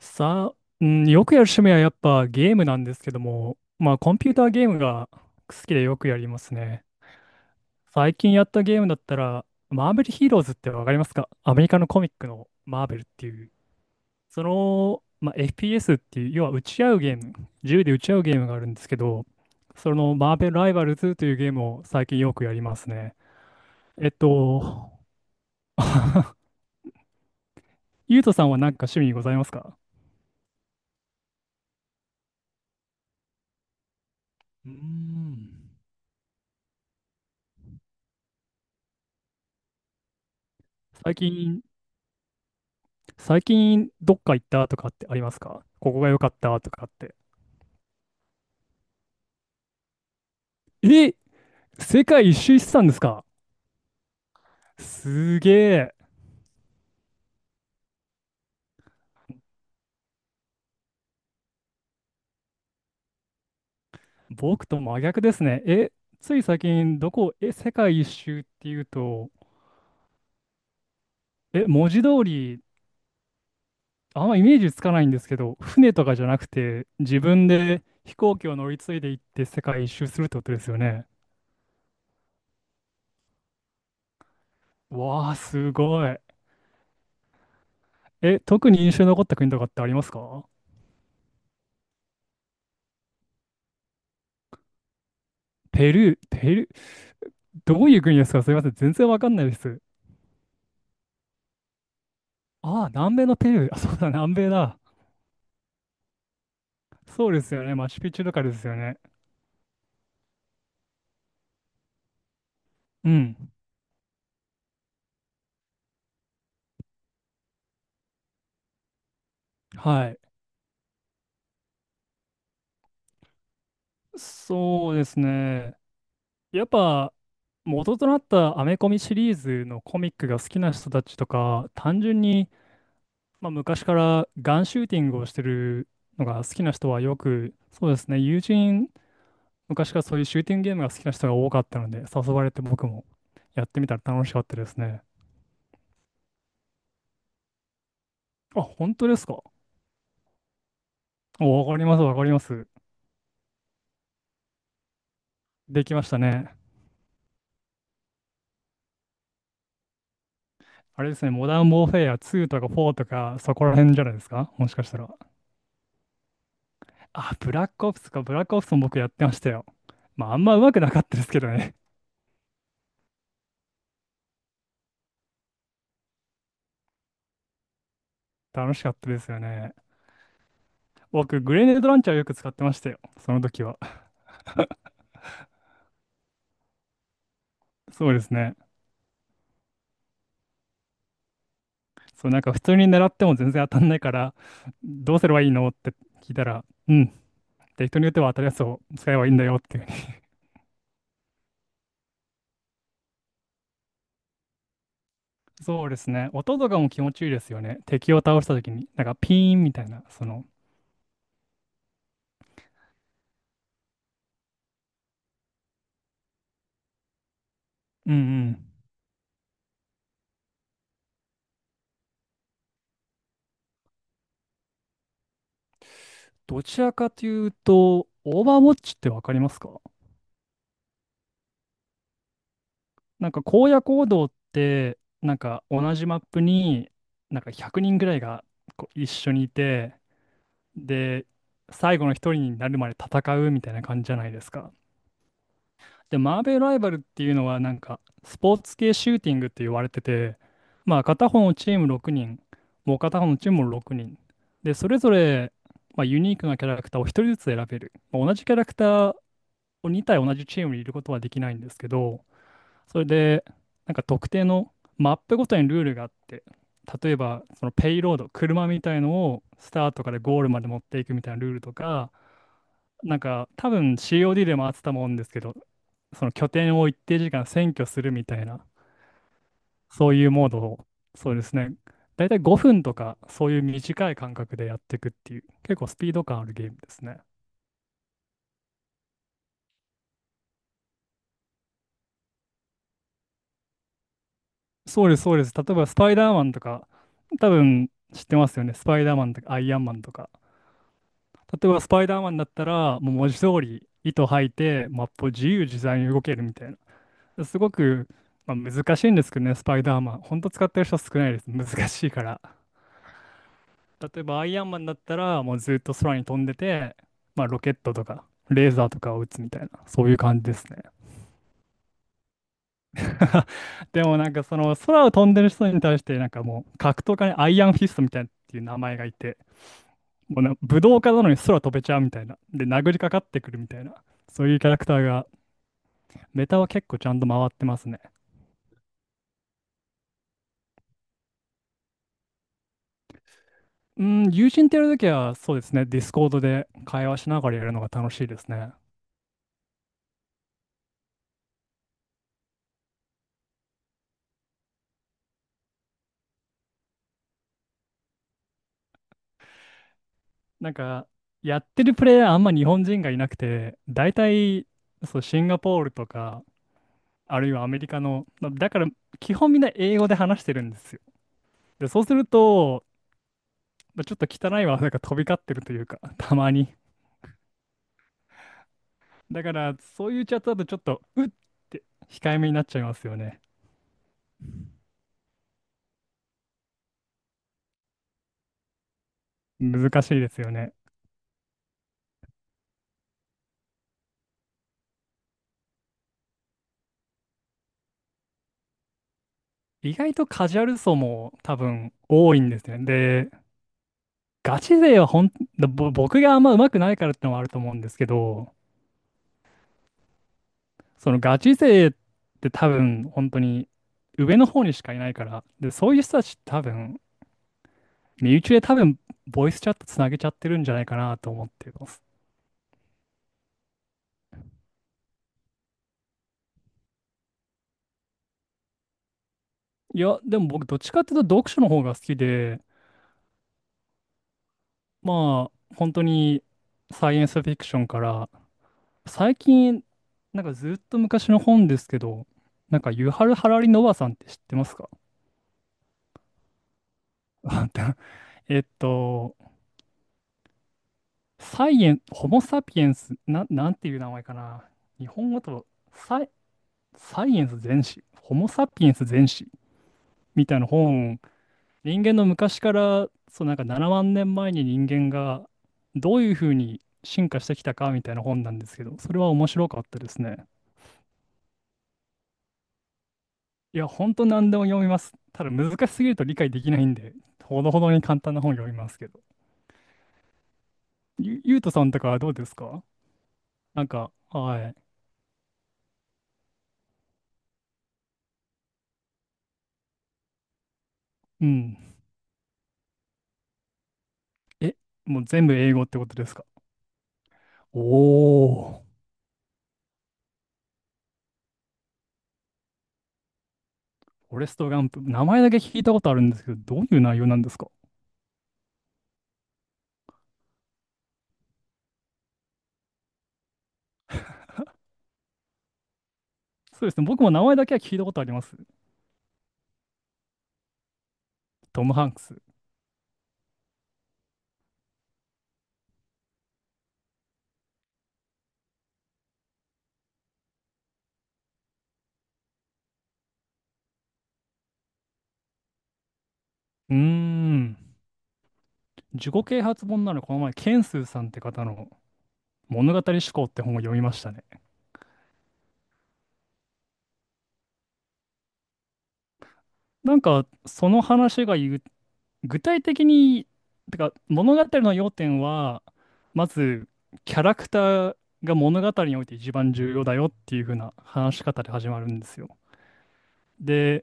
さあ、うん、よくやる趣味はやっぱゲームなんですけども、まあコンピューターゲームが好きでよくやりますね。最近やったゲームだったら、マーベルヒーローズってわかりますか？アメリカのコミックのマーベルっていう、その、まあ、FPS っていう、要は撃ち合うゲーム、銃で撃ち合うゲームがあるんですけど、そのマーベルライバルズというゲームを最近よくやりますね。えっと、ゆうとさんは何か趣味ございますか？うーん。最近、最近どっか行ったとかってありますか？ここが良かったとかって。え、世界一周してたんですか？すげえ。僕と真逆ですね。え、つい最近どこ、え、世界一周っていうと、え、文字通り、あんまイメージつかないんですけど、船とかじゃなくて、自分で飛行機を乗り継いで行って世界一周するってことですよね。わあ、すごい。え、特に印象に残った国とかってありますか？ペルー、ペルー、どういう国ですか？すみません、全然わかんないです。ああ、南米のペルー。あ、そうだ、南米だ。そうですよね。マチュピチュとかですよね。うん。はい。そうですね。やっぱ、元となったアメコミシリーズのコミックが好きな人たちとか、単純に、まあ、昔からガンシューティングをしてるのが好きな人はよく、そうですね。友人、昔からそういうシューティングゲームが好きな人が多かったので、誘われて僕もやってみたら楽しかったですね。あ、本当ですか。おわかります、わかります。できましたね。あれですね、モダン・ウォーフェア2とか4とか、そこら辺じゃないですか？もしかしたら。あ、ブラックオプスか、ブラックオプスも僕やってましたよ。まあ、あんま上手くなかったですけどね。楽しかったですよね。僕、グレネードランチャーをよく使ってましたよ。その時は。そうですね。そう、なんか普通に狙っても全然当たんないから、どうすればいいのって聞いたら、うん。で、人に打っては当たるやつを使えばいいんだよっていうふうに。そうですね。音とかも気持ちいいですよね。敵を倒した時に。なんかピーンみたいな、その、うんうん。どちらかというと、オーバーウォッチってわかりますか？なんか荒野行動って、なんか同じマップに、なんか100人ぐらいがこう一緒にいて、で、最後の一人になるまで戦うみたいな感じじゃないですか。で、マーベルライバルっていうのは、なんかスポーツ系シューティングって言われてて、まあ片方のチーム6人、もう片方のチームも6人。で、それぞれ、まあ、ユニークなキャラクターを一人ずつ選べる。まあ同じキャラクター2体同じチームにいることはできないんですけど、それで、なんか特定のマップごとにルールがあって、例えばそのペイロード、車みたいのをスタートからゴールまで持っていくみたいなルールとか、なんか多分 COD でもあってたもんですけど、その拠点を一定時間占拠するみたいな、そういうモードを、そうですね、大体5分とか、そういう短い間隔でやっていくっていう、結構スピード感あるゲームですね。そうです、そうです。例えば、スパイダーマンとか、多分知ってますよね。スパイダーマンとか、アイアンマンとか。例えば、スパイダーマンだったら、もう文字通り、糸吐いて、マップを自由自在に動けるみたいな。すごく、まあ、難しいんですけどね、スパイダーマン。本当使ってる人少ないです。難しいから。例えば、アイアンマンだったら、もうずっと空に飛んでて、まあ、ロケットとか、レーザーとかを撃つみたいな、そういう感じですね。でもなんかその空を飛んでる人に対してなんかもう格闘家にアイアンフィストみたいなっていう名前がいてもうな、武道家なのに空飛べちゃうみたいな。で、殴りかかってくるみたいな。そういうキャラクターが、メタは結構ちゃんと回ってますね。うん、友人とやるときは、そうですね、ディスコードで会話しながらやるのが楽しいですね。なんか、やってるプレイヤーあんま日本人がいなくて、大体、そう、シンガポールとか、あるいはアメリカの、まあだから、基本みんな英語で話してるんですよ。で、そうすると、まあちょっと汚い技が飛び交ってるというか、たまに。だから、そういうチャットだとちょっと、うって控えめになっちゃいますよね。難しいですよね。意外とカジュアル層も多分多いんですね。で、ガチ勢はほん、ぼ僕があんま上手くないからってのもあると思うんですけど、そのガチ勢って多分本当に上の方にしかいないから、で、そういう人たちって多分、身内で多分ボイスチャットつなげちゃってるんじゃないかなと思ってます。いや、でも僕どっちかっていうと読書の方が好きで、まあ、本当にサイエンスフィクションから、最近、なんかずっと昔の本ですけど、なんかユハル・ハラリ・ノバさんって知ってますか？ えっと、サイエン、ホモ・サピエンス、なんていう名前かな。日本語だとサイ、サイエンス全史、ホモ・サピエンス全史みたいな本、人間の昔から、そうなんか7万年前に人間がどういうふうに進化してきたかみたいな本なんですけど、それは面白かったですね。いや、ほんと何でも読みます。ただ難しすぎると理解できないんで、ほどほどに簡単な本読みますけど。ゆうとさんとかはどうですか？なんか、はい。うん。え、もう全部英語ってことですか？おー。フォレスト・ガンプ。名前だけ聞いたことあるんですけど、どういう内容なんですか？そうですね。僕も名前だけは聞いたことあります。トム・ハンクス。うーん。自己啓発本ならこの前、ケンスーさんって方の物語思考って本を読みましたね。なんか、その話が言う具体的に、てか物語の要点は、まずキャラクターが物語において一番重要だよっていう風な話し方で始まるんですよ。で、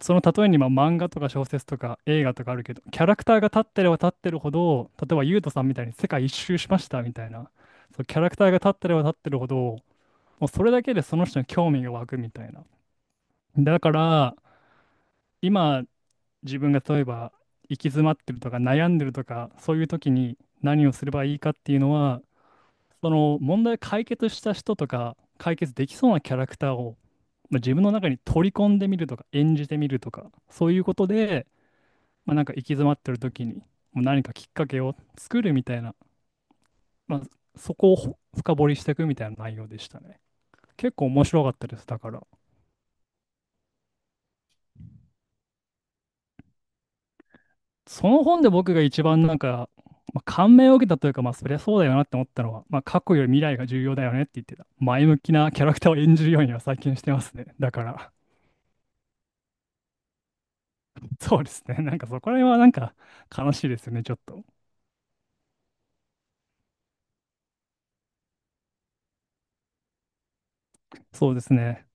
その例えにまあ漫画とか小説とか映画とかあるけど、キャラクターが立ってれば立ってるほど、例えばユウトさんみたいに世界一周しましたみたいな、そう、キャラクターが立ってれば立ってるほど、もうそれだけでその人に興味が湧くみたいな。だから、今自分が例えば行き詰まってるとか悩んでるとかそういう時に何をすればいいかっていうのはその問題を解決した人とか解決できそうなキャラクターを、まあ、自分の中に取り込んでみるとか演じてみるとかそういうことで、まあ、なんか行き詰まってる時にもう何かきっかけを作るみたいな、まあ、そこを深掘りしていくみたいな内容でしたね。結構面白かったです。だから。その本で僕が一番なんか、まあ、感銘を受けたというか、まあ、そりゃそうだよなって思ったのは、まあ、過去より未来が重要だよねって言ってた。前向きなキャラクターを演じるようには最近してますね。だから、そうですね。なんかそこら辺はなんか悲しいですよね、ちょっと。そうですね。